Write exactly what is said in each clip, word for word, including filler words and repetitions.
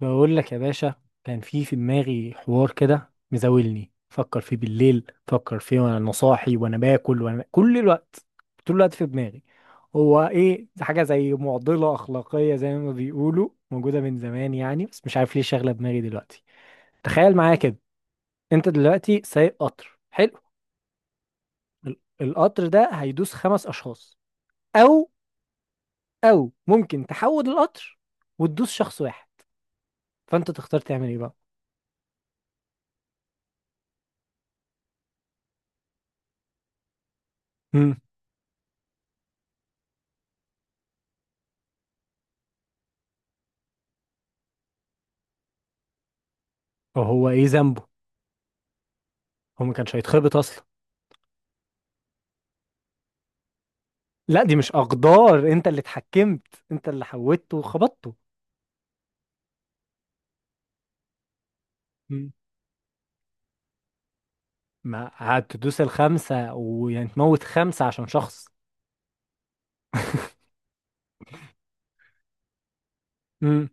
بقول لك يا باشا. كان في في دماغي حوار كده مزاولني، فكر فيه بالليل، فكر فيه وانا صاحي وانا باكل وانا كل الوقت، طول الوقت في دماغي. هو ايه ده؟ حاجه زي معضله اخلاقيه زي ما بيقولوا موجوده من زمان يعني، بس مش عارف ليه شاغله دماغي دلوقتي. تخيل معايا كده. انت دلوقتي سايق قطر، حلو. ال- القطر ده هيدوس خمس اشخاص، او او ممكن تحود القطر وتدوس شخص واحد. فانت تختار تعمل ايه بقى؟ امم. وهو ايه ذنبه؟ هو ما كانش هيتخبط اصلا. لا، دي مش اقدار، انت اللي اتحكمت، انت اللي حودته وخبطته. مم. ما هتدوس الخمسه ويعني تموت خمسه عشان شخص. امم.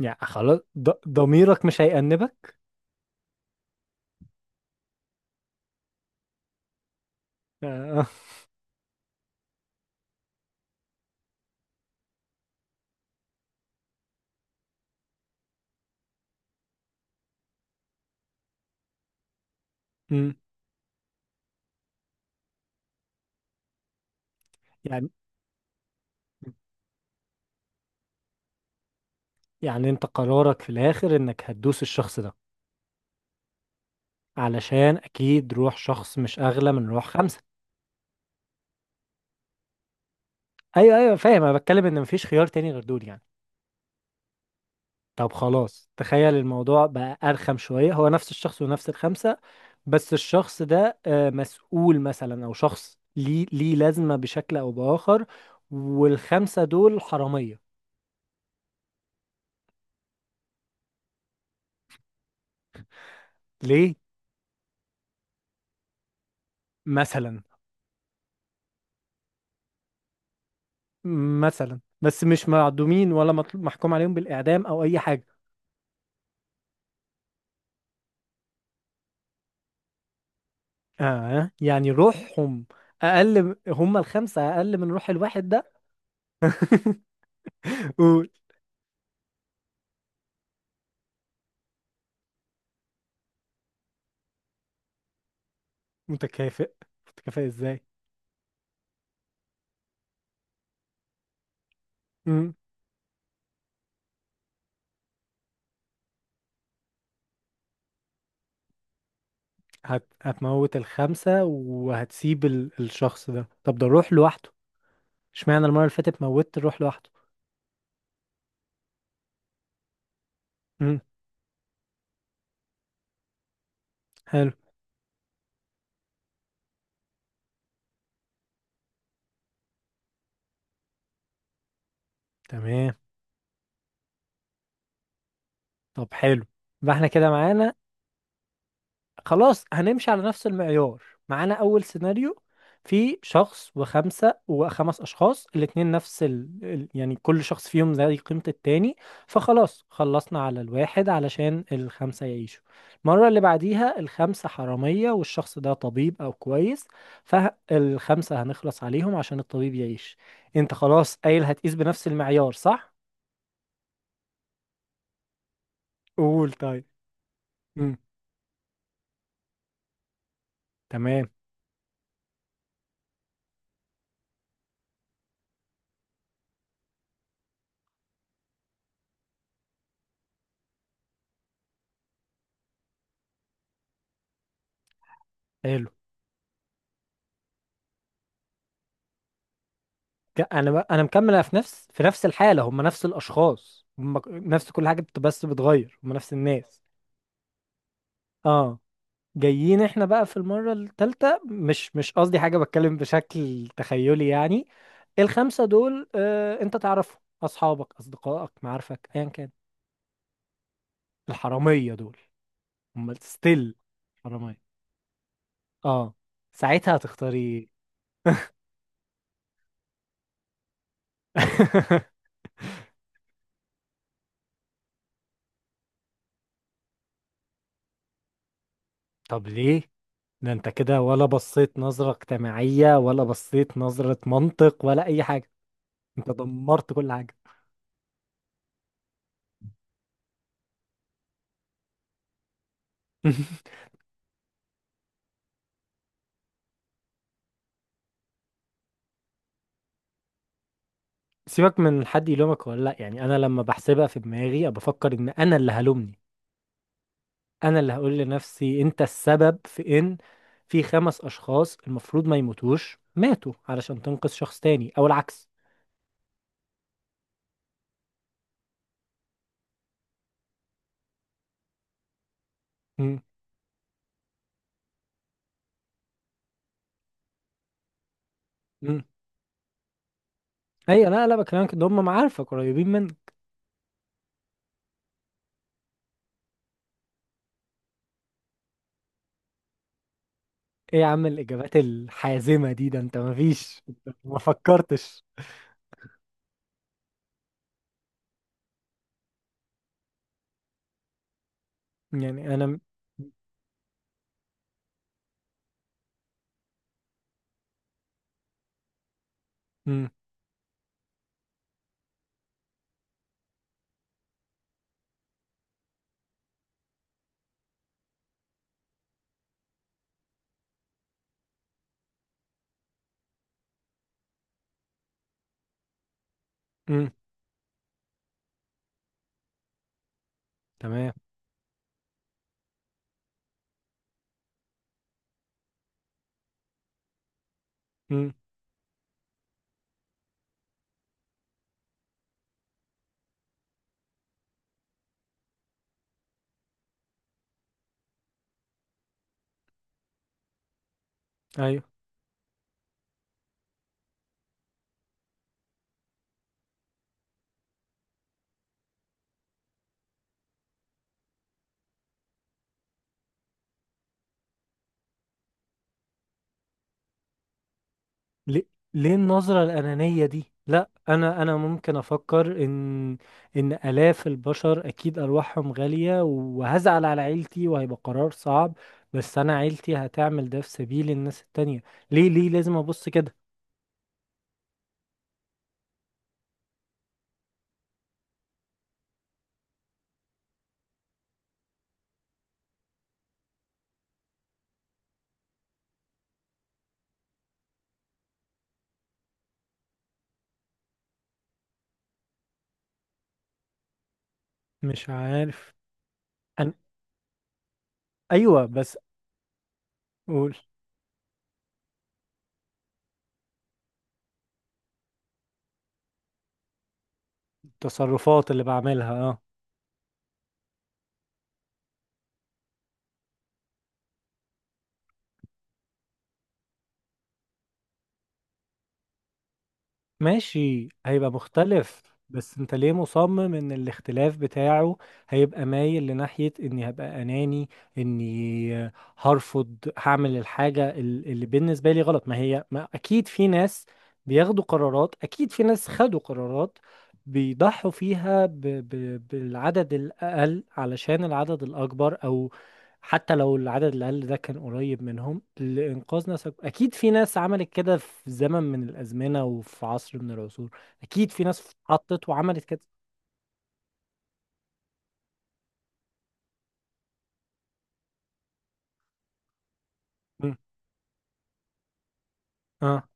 يعني خلاص، ض- ضميرك مش هيأنبك. آه. مم. يعني يعني انت قرارك في الاخر انك هتدوس الشخص ده، علشان اكيد روح شخص مش اغلى من روح خمسه. ايوه، ايوه، فاهم. انا بتكلم ان مفيش خيار تاني غير دول يعني. طب خلاص، تخيل الموضوع بقى أرخم شوية. هو نفس الشخص ونفس الخمسة، بس الشخص ده آه، مسؤول مثلا، أو شخص ليه ليه لازمة بشكل أو بآخر، والخمسة دول حرامية. ليه؟ مثلا. مثلا، بس مش معدومين ولا مطلوب محكوم عليهم بالإعدام أو أي حاجة. آه، يعني روحهم أقل، هم الخمسة أقل من روح الواحد ده. قول. متكافئ. متكافئ إزاي؟ هت... هتموت الخمسة وهتسيب ال... الشخص ده. طب ده روح لوحده، اشمعنى المرة اللي فاتت موتت روح لوحده. امم. حلو. تمام. طب حلو، يبقى احنا كده معانا. خلاص هنمشي على نفس المعيار. معانا اول سيناريو، في شخص وخمسة وخمس اشخاص الاتنين نفس ال... ال- يعني كل شخص فيهم زي قيمة التاني، فخلاص خلصنا على الواحد علشان الخمسة يعيشوا. المرة اللي بعديها الخمسة حرامية والشخص ده طبيب او كويس، فالخمسة هنخلص عليهم عشان الطبيب يعيش. انت خلاص قايل هتقيس بنفس المعيار، صح؟ قول طيب. امم. تمام. حلو. ك- انا ب- انا مكمله في نفس في نفس الحاله، هم نفس الاشخاص، هم ك- نفس كل حاجه، بت- بس بتغير، هم نفس الناس. اه. جايين احنا بقى في المره الثالثه، مش مش قصدي حاجه، بتكلم بشكل تخيلي يعني. الخمسه دول، آه انت تعرفهم، اصحابك اصدقائك معارفك ايا كان. الحراميه دول هم ستيل، حراميه. اه. ساعتها هتختاري. إيه؟ طب ليه؟ ده انت كده ولا بصيت نظرة اجتماعية، ولا بصيت نظرة منطق، ولا اي حاجة؟ انت دمرت كل حاجة. سيبك من حد يلومك ولا لا، يعني انا لما بحسبها في دماغي أنا بفكر ان انا اللي هلومني، انا اللي هقول لنفسي انت السبب في ان في خمس اشخاص المفروض ما يموتوش ماتوا علشان تنقذ شخص تاني او العكس. مم. مم. ايوه، لا، لا، بكلمك ان هم معارفك قريبين منك. ايه يا عم الاجابات الحازمة دي؟ ده انت ما فيش انت ما فكرتش يعني انا. مم. امم. تمام. امم. ايوه. ليه ليه النظرة الأنانية دي؟ لا، انا انا ممكن افكر ان ان آلاف البشر اكيد ارواحهم غالية، وهزعل على عيلتي وهيبقى قرار صعب، بس انا عيلتي هتعمل ده في سبيل الناس التانية. ليه ليه لازم ابص كده؟ مش عارف. أنا، ايوه بس. قول. التصرفات اللي بعملها، آه. ماشي، هيبقى مختلف. بس انت ليه مصمم ان الاختلاف بتاعه هيبقى مايل لناحية اني هبقى اناني، اني هرفض هعمل الحاجة ال- اللي بالنسبة لي غلط. ما هي، ما اكيد في ناس بياخدوا قرارات، اكيد في ناس خدوا قرارات بيضحوا فيها ب ب بالعدد الاقل علشان العدد الاكبر، او حتى لو العدد الأقل ده كان قريب منهم لإنقاذ ناس أكبر. أكيد في ناس عملت كده في زمن من الأزمنة وفي عصر من العصور. أكيد في ناس اتحطت وعملت كده. مم. آه.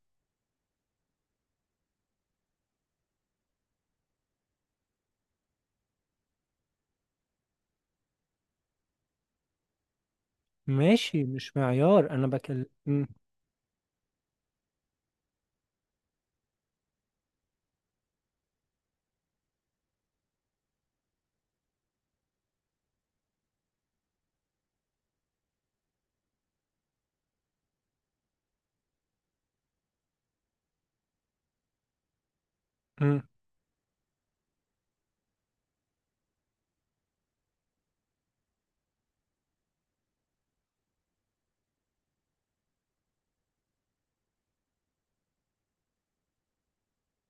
ماشي، مش معيار، أنا بكلم. مم. مم.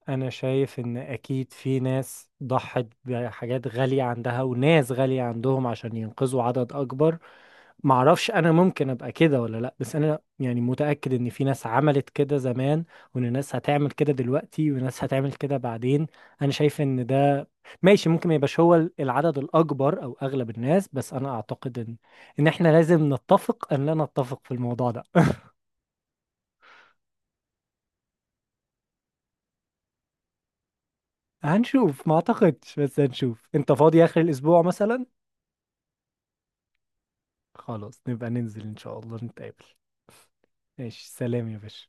أنا شايف إن أكيد في ناس ضحت بحاجات غالية عندها وناس غالية عندهم عشان ينقذوا عدد أكبر. معرفش انا ممكن ابقى كده ولا لا، بس انا يعني متأكد ان في ناس عملت كده زمان، وان ناس هتعمل كده دلوقتي، وناس هتعمل كده بعدين. انا شايف ان ده ماشي، ممكن ما يبقاش هو العدد الاكبر او اغلب الناس، بس انا اعتقد ان ان احنا لازم نتفق ان لا نتفق في الموضوع ده. هنشوف. ما اعتقدش بس هنشوف. انت فاضي اخر الاسبوع مثلا؟ خلاص، نبقى ننزل ان شاء الله نتقابل. ماشي، سلام يا باشا.